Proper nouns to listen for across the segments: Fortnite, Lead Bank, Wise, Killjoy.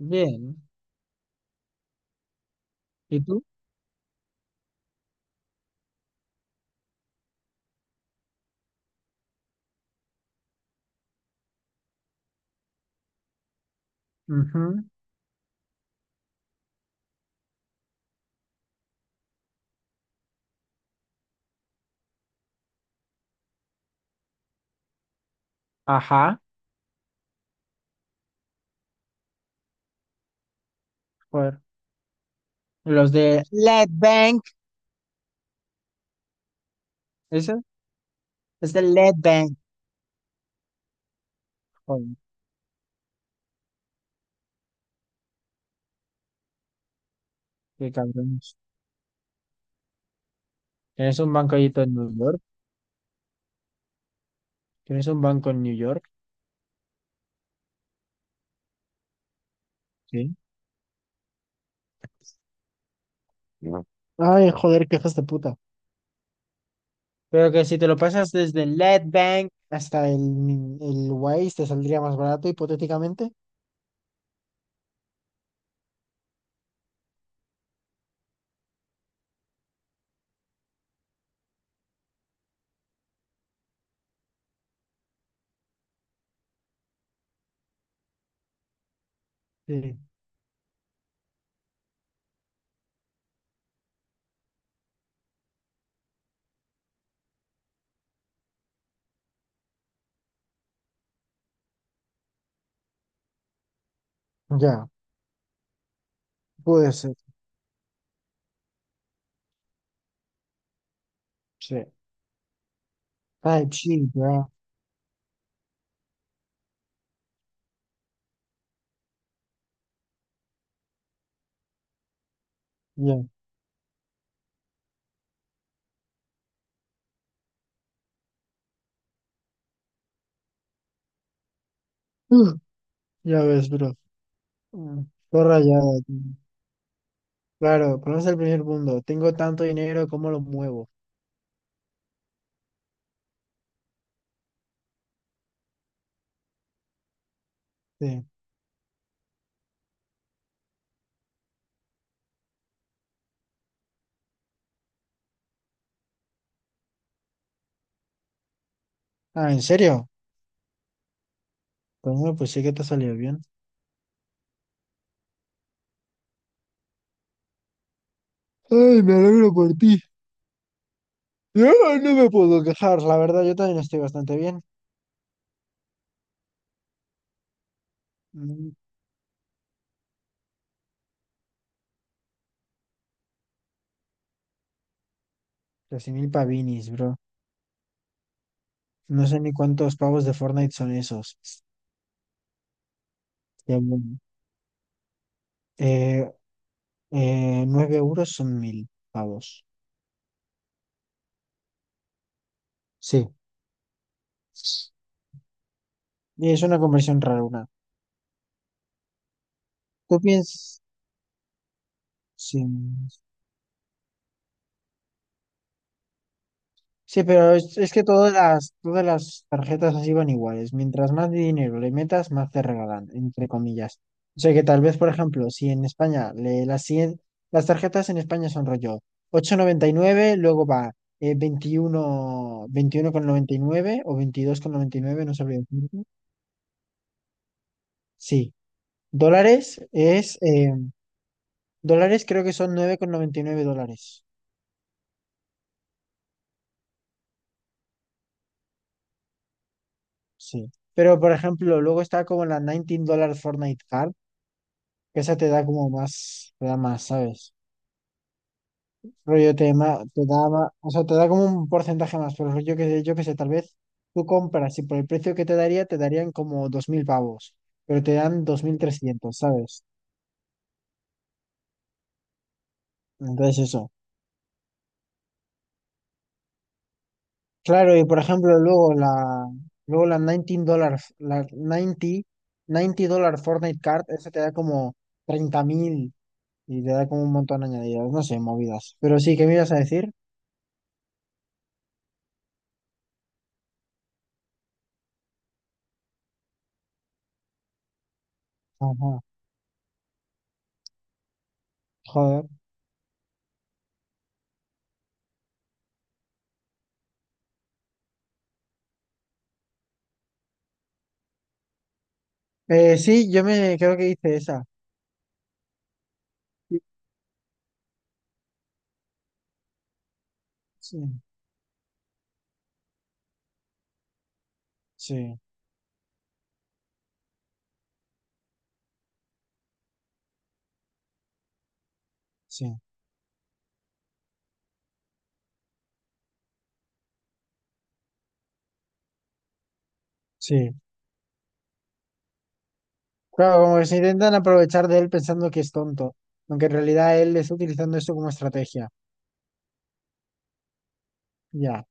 Bien. ¿Y tú? Ujú. Ajá. Joder. Los de Lead Bank. ¿Eso? Es de Lead Bank. Joder, qué cabrones. ¿Tienes un banco ahí en New York? ¿Tienes un banco en New York? Sí. No. Ay, joder, qué hijas de puta. Pero que si te lo pasas desde Lead Bank hasta el Wise te saldría más barato, hipotéticamente. Sí. Ya, puede ser. Sí. Ay, sí, ya, ya. Uf, ya ves, bro. Estoy rayado, tío. Claro, conoce el primer mundo. Tengo tanto dinero, ¿cómo lo muevo? Sí. Ah, ¿en serio? Bueno, pues sí que te salió bien. Ay, me alegro por ti. No, no me puedo quejar, la verdad, yo también estoy bastante bien. Mm, Casi 1000 pavinis, bro. No sé ni cuántos pavos de Fortnite son esos. Ya, bueno. Eh, 9 euros son 1000 pavos. Sí. Y es una conversión rara una. ¿Tú piensas? Sí. Sí, pero es que todas las tarjetas así van iguales. Mientras más dinero le metas, más te regalan, entre comillas. O sea que tal vez, por ejemplo, si en España le, las, cien- las tarjetas en España son rollo 8,99, luego va veintiuno coma noventa y nueve o 22,99, no sabría decirte. Sí, dólares es, eh, dólares creo que son 9,99 dólares. Sí. Pero, por ejemplo, luego está como la 19 Fortnite Card, que esa te da como más, te da más, ¿sabes? Te da más, o sea, te da como un porcentaje más, pero yo que sé, tal vez tú compras y por el precio que te daría, te darían como 2000 pavos, pero te dan 2300, ¿sabes? Entonces eso. Claro, y por ejemplo, luego la 19 dólar, la 90 dólar Fortnite Card, esa te da como 30.000 y te da como un montón añadido, no sé, movidas. Pero sí, ¿qué me ibas a decir? Ajá. Joder. Sí, yo me creo que hice esa. Sí, sí, sí, sí, sí. Claro, como que se intentan aprovechar de él pensando que es tonto, aunque en realidad él está utilizando esto como estrategia. Ya,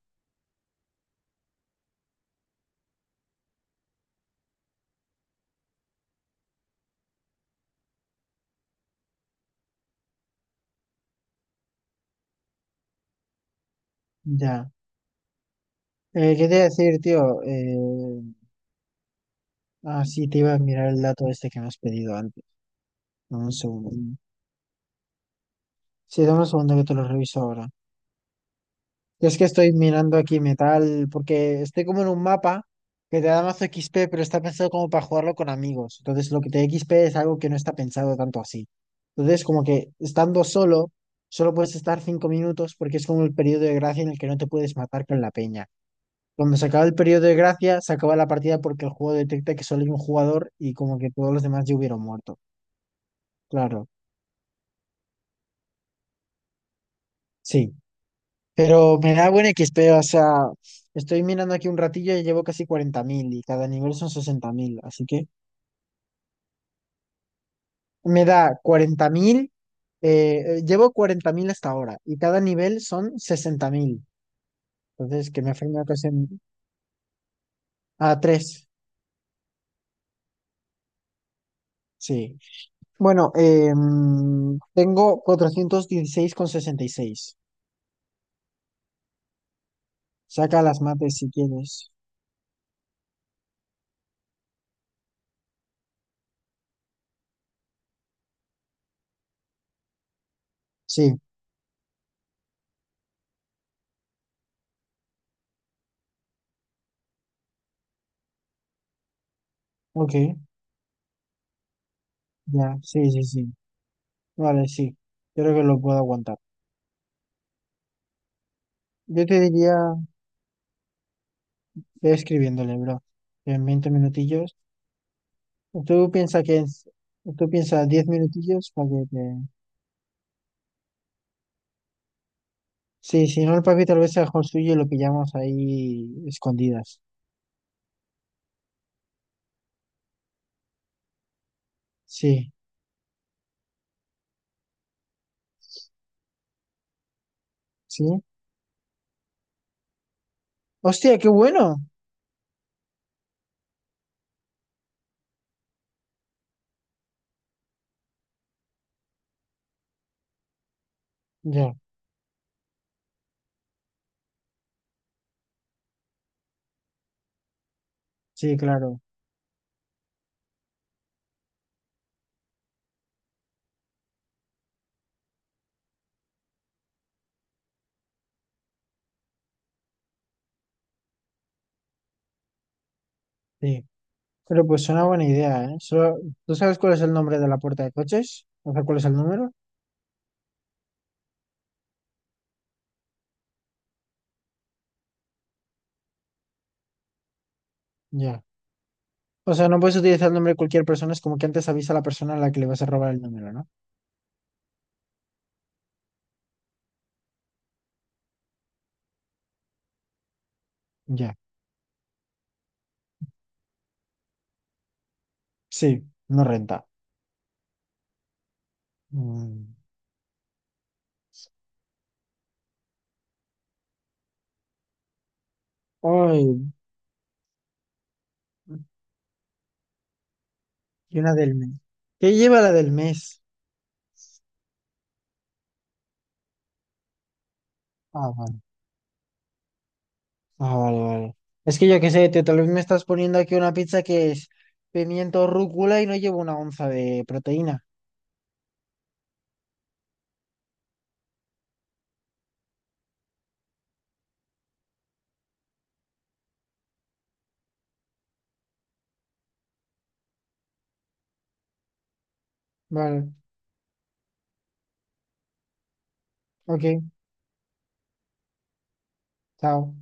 ya. ¿Qué te iba a decir, tío? Ah, sí, te iba a mirar el dato este que me has pedido antes. Dame un segundo. Sí, dame un segundo que te lo reviso ahora. Yo es que estoy mirando aquí metal, porque estoy como en un mapa que te da mazo XP, pero está pensado como para jugarlo con amigos. Entonces, lo que te da XP es algo que no está pensado tanto así. Entonces, como que estando solo, solo puedes estar 5 minutos porque es como el periodo de gracia en el que no te puedes matar con la peña. Cuando se acaba el periodo de gracia, se acaba la partida porque el juego detecta que solo hay un jugador y como que todos los demás ya hubieron muerto. Claro, sí. Pero me da buen XP, o sea, estoy mirando aquí un ratillo y llevo casi 40.000 y cada nivel son 60.000, así que me da 40.000, llevo 40.000 hasta ahora y cada nivel son 60.000, entonces que me ha frenado a 3, sí. Bueno, tengo 416,66. Saca las mates si quieres. Sí, ok, ya, sí, sí, sí, vale, sí, creo que lo puedo aguantar. Yo te diría. Ve escribiéndole, bro. En 20 minutillos. Tú piensas que es- tú piensas 10 minutillos para que te. Sí, si no el papi tal vez sea mejor suyo y lo pillamos ahí escondidas. Sí, sí. ¡Hostia, qué bueno! Ya, sí, claro, sí. Pero pues es una buena idea, ¿eh? ¿Tú sabes cuál es el nombre de la puerta de coches? O sea, ¿cuál es el número? Ya. O sea, no puedes utilizar el nombre de cualquier persona, es como que antes avisa a la persona a la que le vas a robar el número, ¿no? Ya. Sí, no renta. Mm. Ay, y una del mes. ¿Qué lleva la del mes? Ah, vale. Ah, vale, vale. Es que yo qué sé, tío, tal vez me estás poniendo aquí una pizza que es pimiento rúcula y no lleva una onza de proteína. Vale, ok, chao.